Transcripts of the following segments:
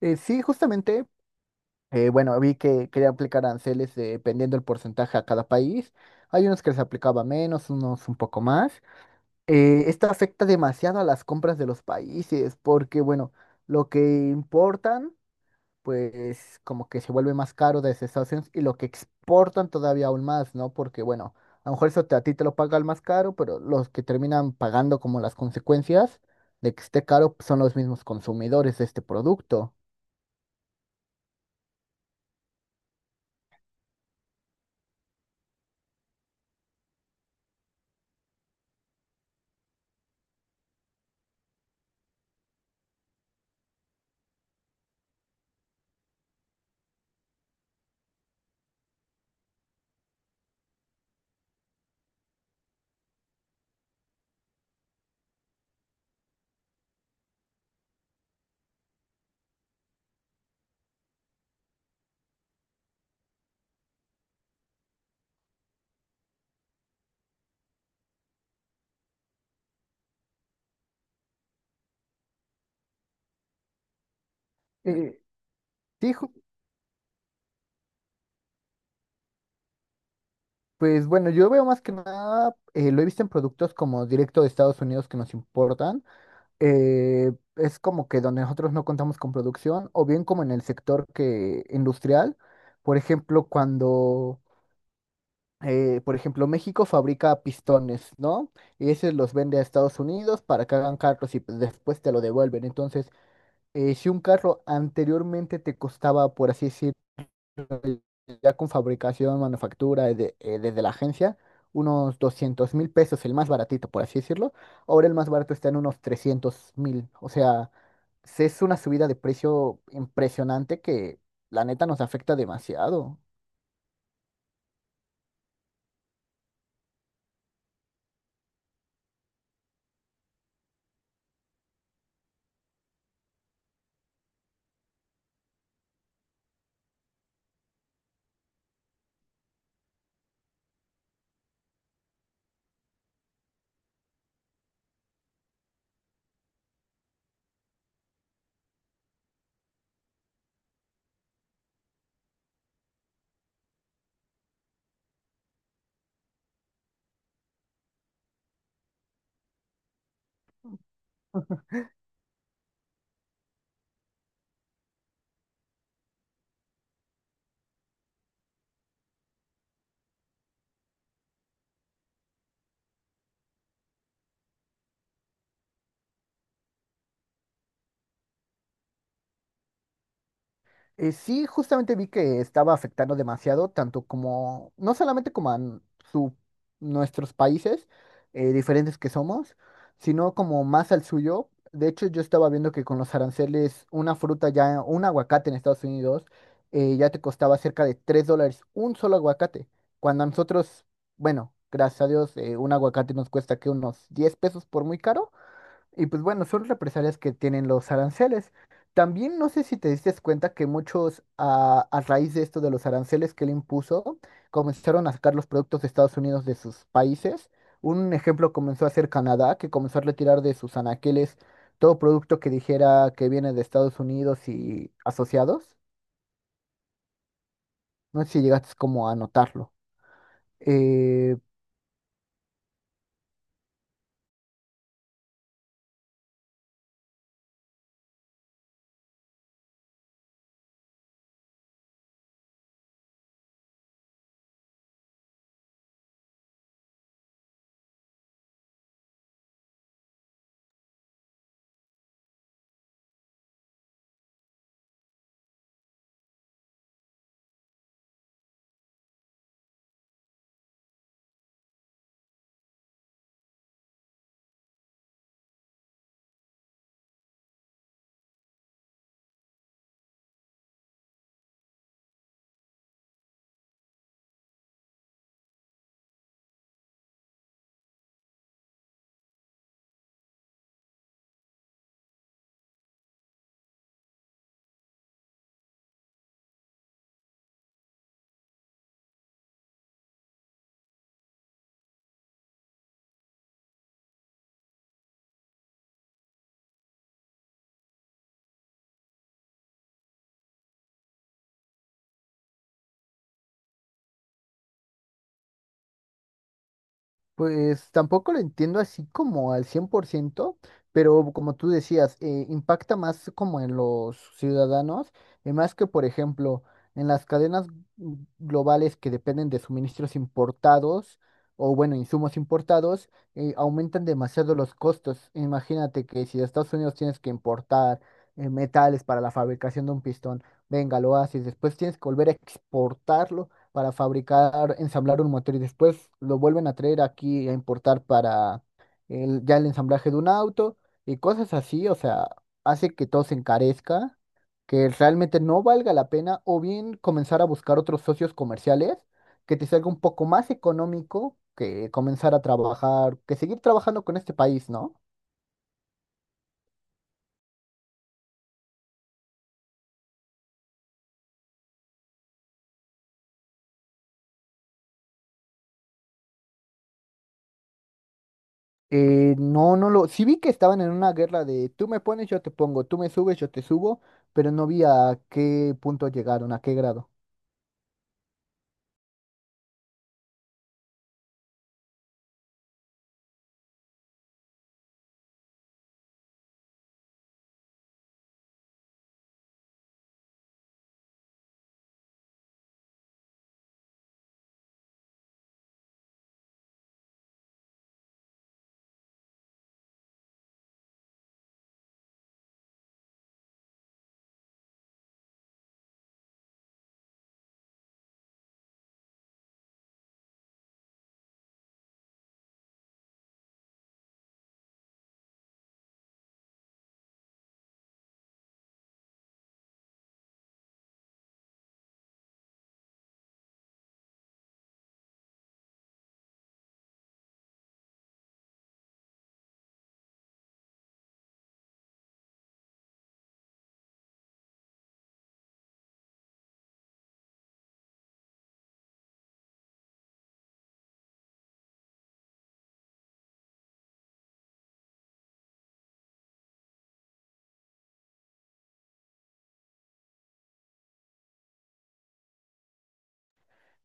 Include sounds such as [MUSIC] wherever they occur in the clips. Sí, justamente, bueno, vi que quería aplicar aranceles dependiendo del porcentaje a cada país. Hay unos que les aplicaba menos, unos un poco más. Esto afecta demasiado a las compras de los países porque, bueno, lo que importan, pues como que se vuelve más caro desde Estados Unidos y lo que exportan todavía aún más, ¿no? Porque, bueno, a lo mejor eso te- a ti te lo paga el más caro, pero los que terminan pagando como las consecuencias de que esté caro pues, son los mismos consumidores de este producto. Eh, Sí, pues bueno, yo veo más que nada, lo he visto en productos como directo de Estados Unidos que nos importan. Es como que donde nosotros no contamos con producción, o bien como en el sector que industrial. Por ejemplo, cuando, por ejemplo, México fabrica pistones, ¿no? Y esos los vende a Estados Unidos para que hagan carros y pues, después te lo devuelven. Entonces, si un carro anteriormente te costaba, por así decirlo, ya con fabricación, manufactura, desde, desde la agencia, unos 200,000 pesos, el más baratito, por así decirlo. Ahora el más barato está en unos 300,000. O sea, es una subida de precio impresionante que la neta nos afecta demasiado. Sí, justamente vi que estaba afectando demasiado, tanto como, no solamente como a su, nuestros países diferentes que somos, sino como más al suyo. De hecho, yo estaba viendo que con los aranceles, una fruta ya, un aguacate en Estados Unidos, ya te costaba cerca de $3 un solo aguacate. Cuando a nosotros, bueno, gracias a Dios, un aguacate nos cuesta que unos 10 pesos por muy caro. Y pues bueno, son represalias que tienen los aranceles. También no sé si te diste cuenta que muchos, a raíz de esto de los aranceles que él impuso, comenzaron a sacar los productos de Estados Unidos de sus países. Un ejemplo comenzó a ser Canadá, que comenzó a retirar de sus anaqueles todo producto que dijera que viene de Estados Unidos y asociados. No sé si llegaste como a notarlo. Eh, Pues tampoco lo entiendo así como al 100%, pero como tú decías, impacta más como en los ciudadanos, y más que, por ejemplo, en las cadenas globales que dependen de suministros importados o, bueno, insumos importados, aumentan demasiado los costos. Imagínate que si de Estados Unidos tienes que importar metales para la fabricación de un pistón, venga, lo haces, después tienes que volver a exportarlo para fabricar, ensamblar un motor y después lo vuelven a traer aquí a importar para el, ya el ensamblaje de un auto y cosas así, o sea, hace que todo se encarezca, que realmente no valga la pena o bien comenzar a buscar otros socios comerciales que te salga un poco más económico que comenzar a trabajar, que seguir trabajando con este país, ¿no? No, no lo. Sí vi que estaban en una guerra de tú me pones, yo te pongo, tú me subes, yo te subo, pero no vi a qué punto llegaron, a qué grado.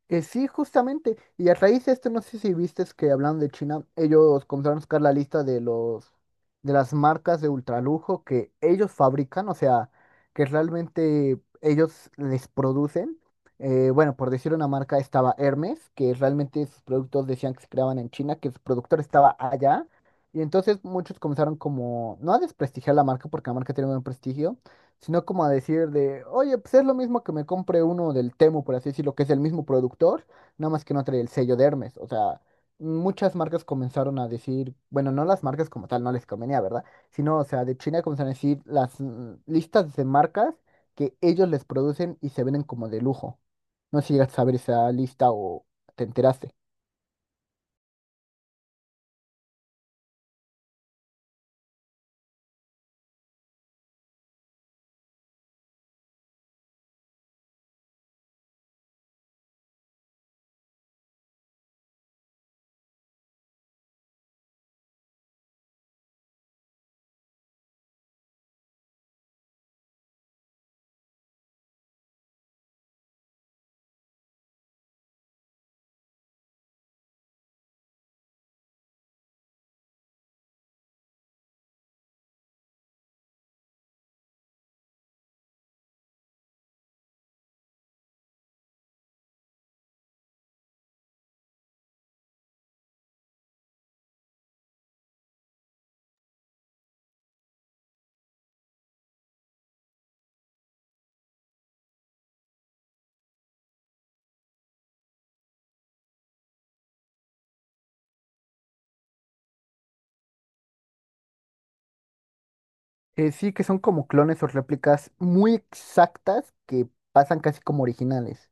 Que sí, justamente. Y a raíz de esto, no sé si viste que hablando de China, ellos comenzaron a sacar la lista de los de las marcas de ultralujo que ellos fabrican, o sea, que realmente ellos les producen. Bueno, por decir una marca estaba Hermes, que realmente sus productos decían que se creaban en China, que su productor estaba allá. Y entonces muchos comenzaron como, no a desprestigiar la marca, porque la marca tiene buen prestigio, sino como a decir de, oye, pues es lo mismo que me compre uno del Temu, por así decirlo, que es el mismo productor, nada más que no trae el sello de Hermes. O sea, muchas marcas comenzaron a decir, bueno, no las marcas como tal, no les convenía, ¿verdad? Sino, o sea, de China comenzaron a decir las listas de marcas que ellos les producen y se venden como de lujo. No sé si llegas a saber esa lista o te enteraste. Sí, que son como clones o réplicas muy exactas que pasan casi como originales.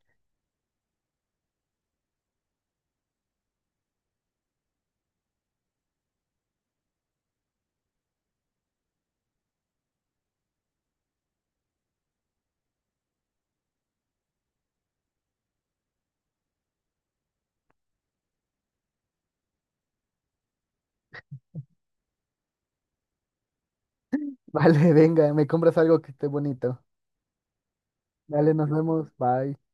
[LAUGHS] Vale, venga, me compras algo que esté bonito. Dale, nos vemos. Bye.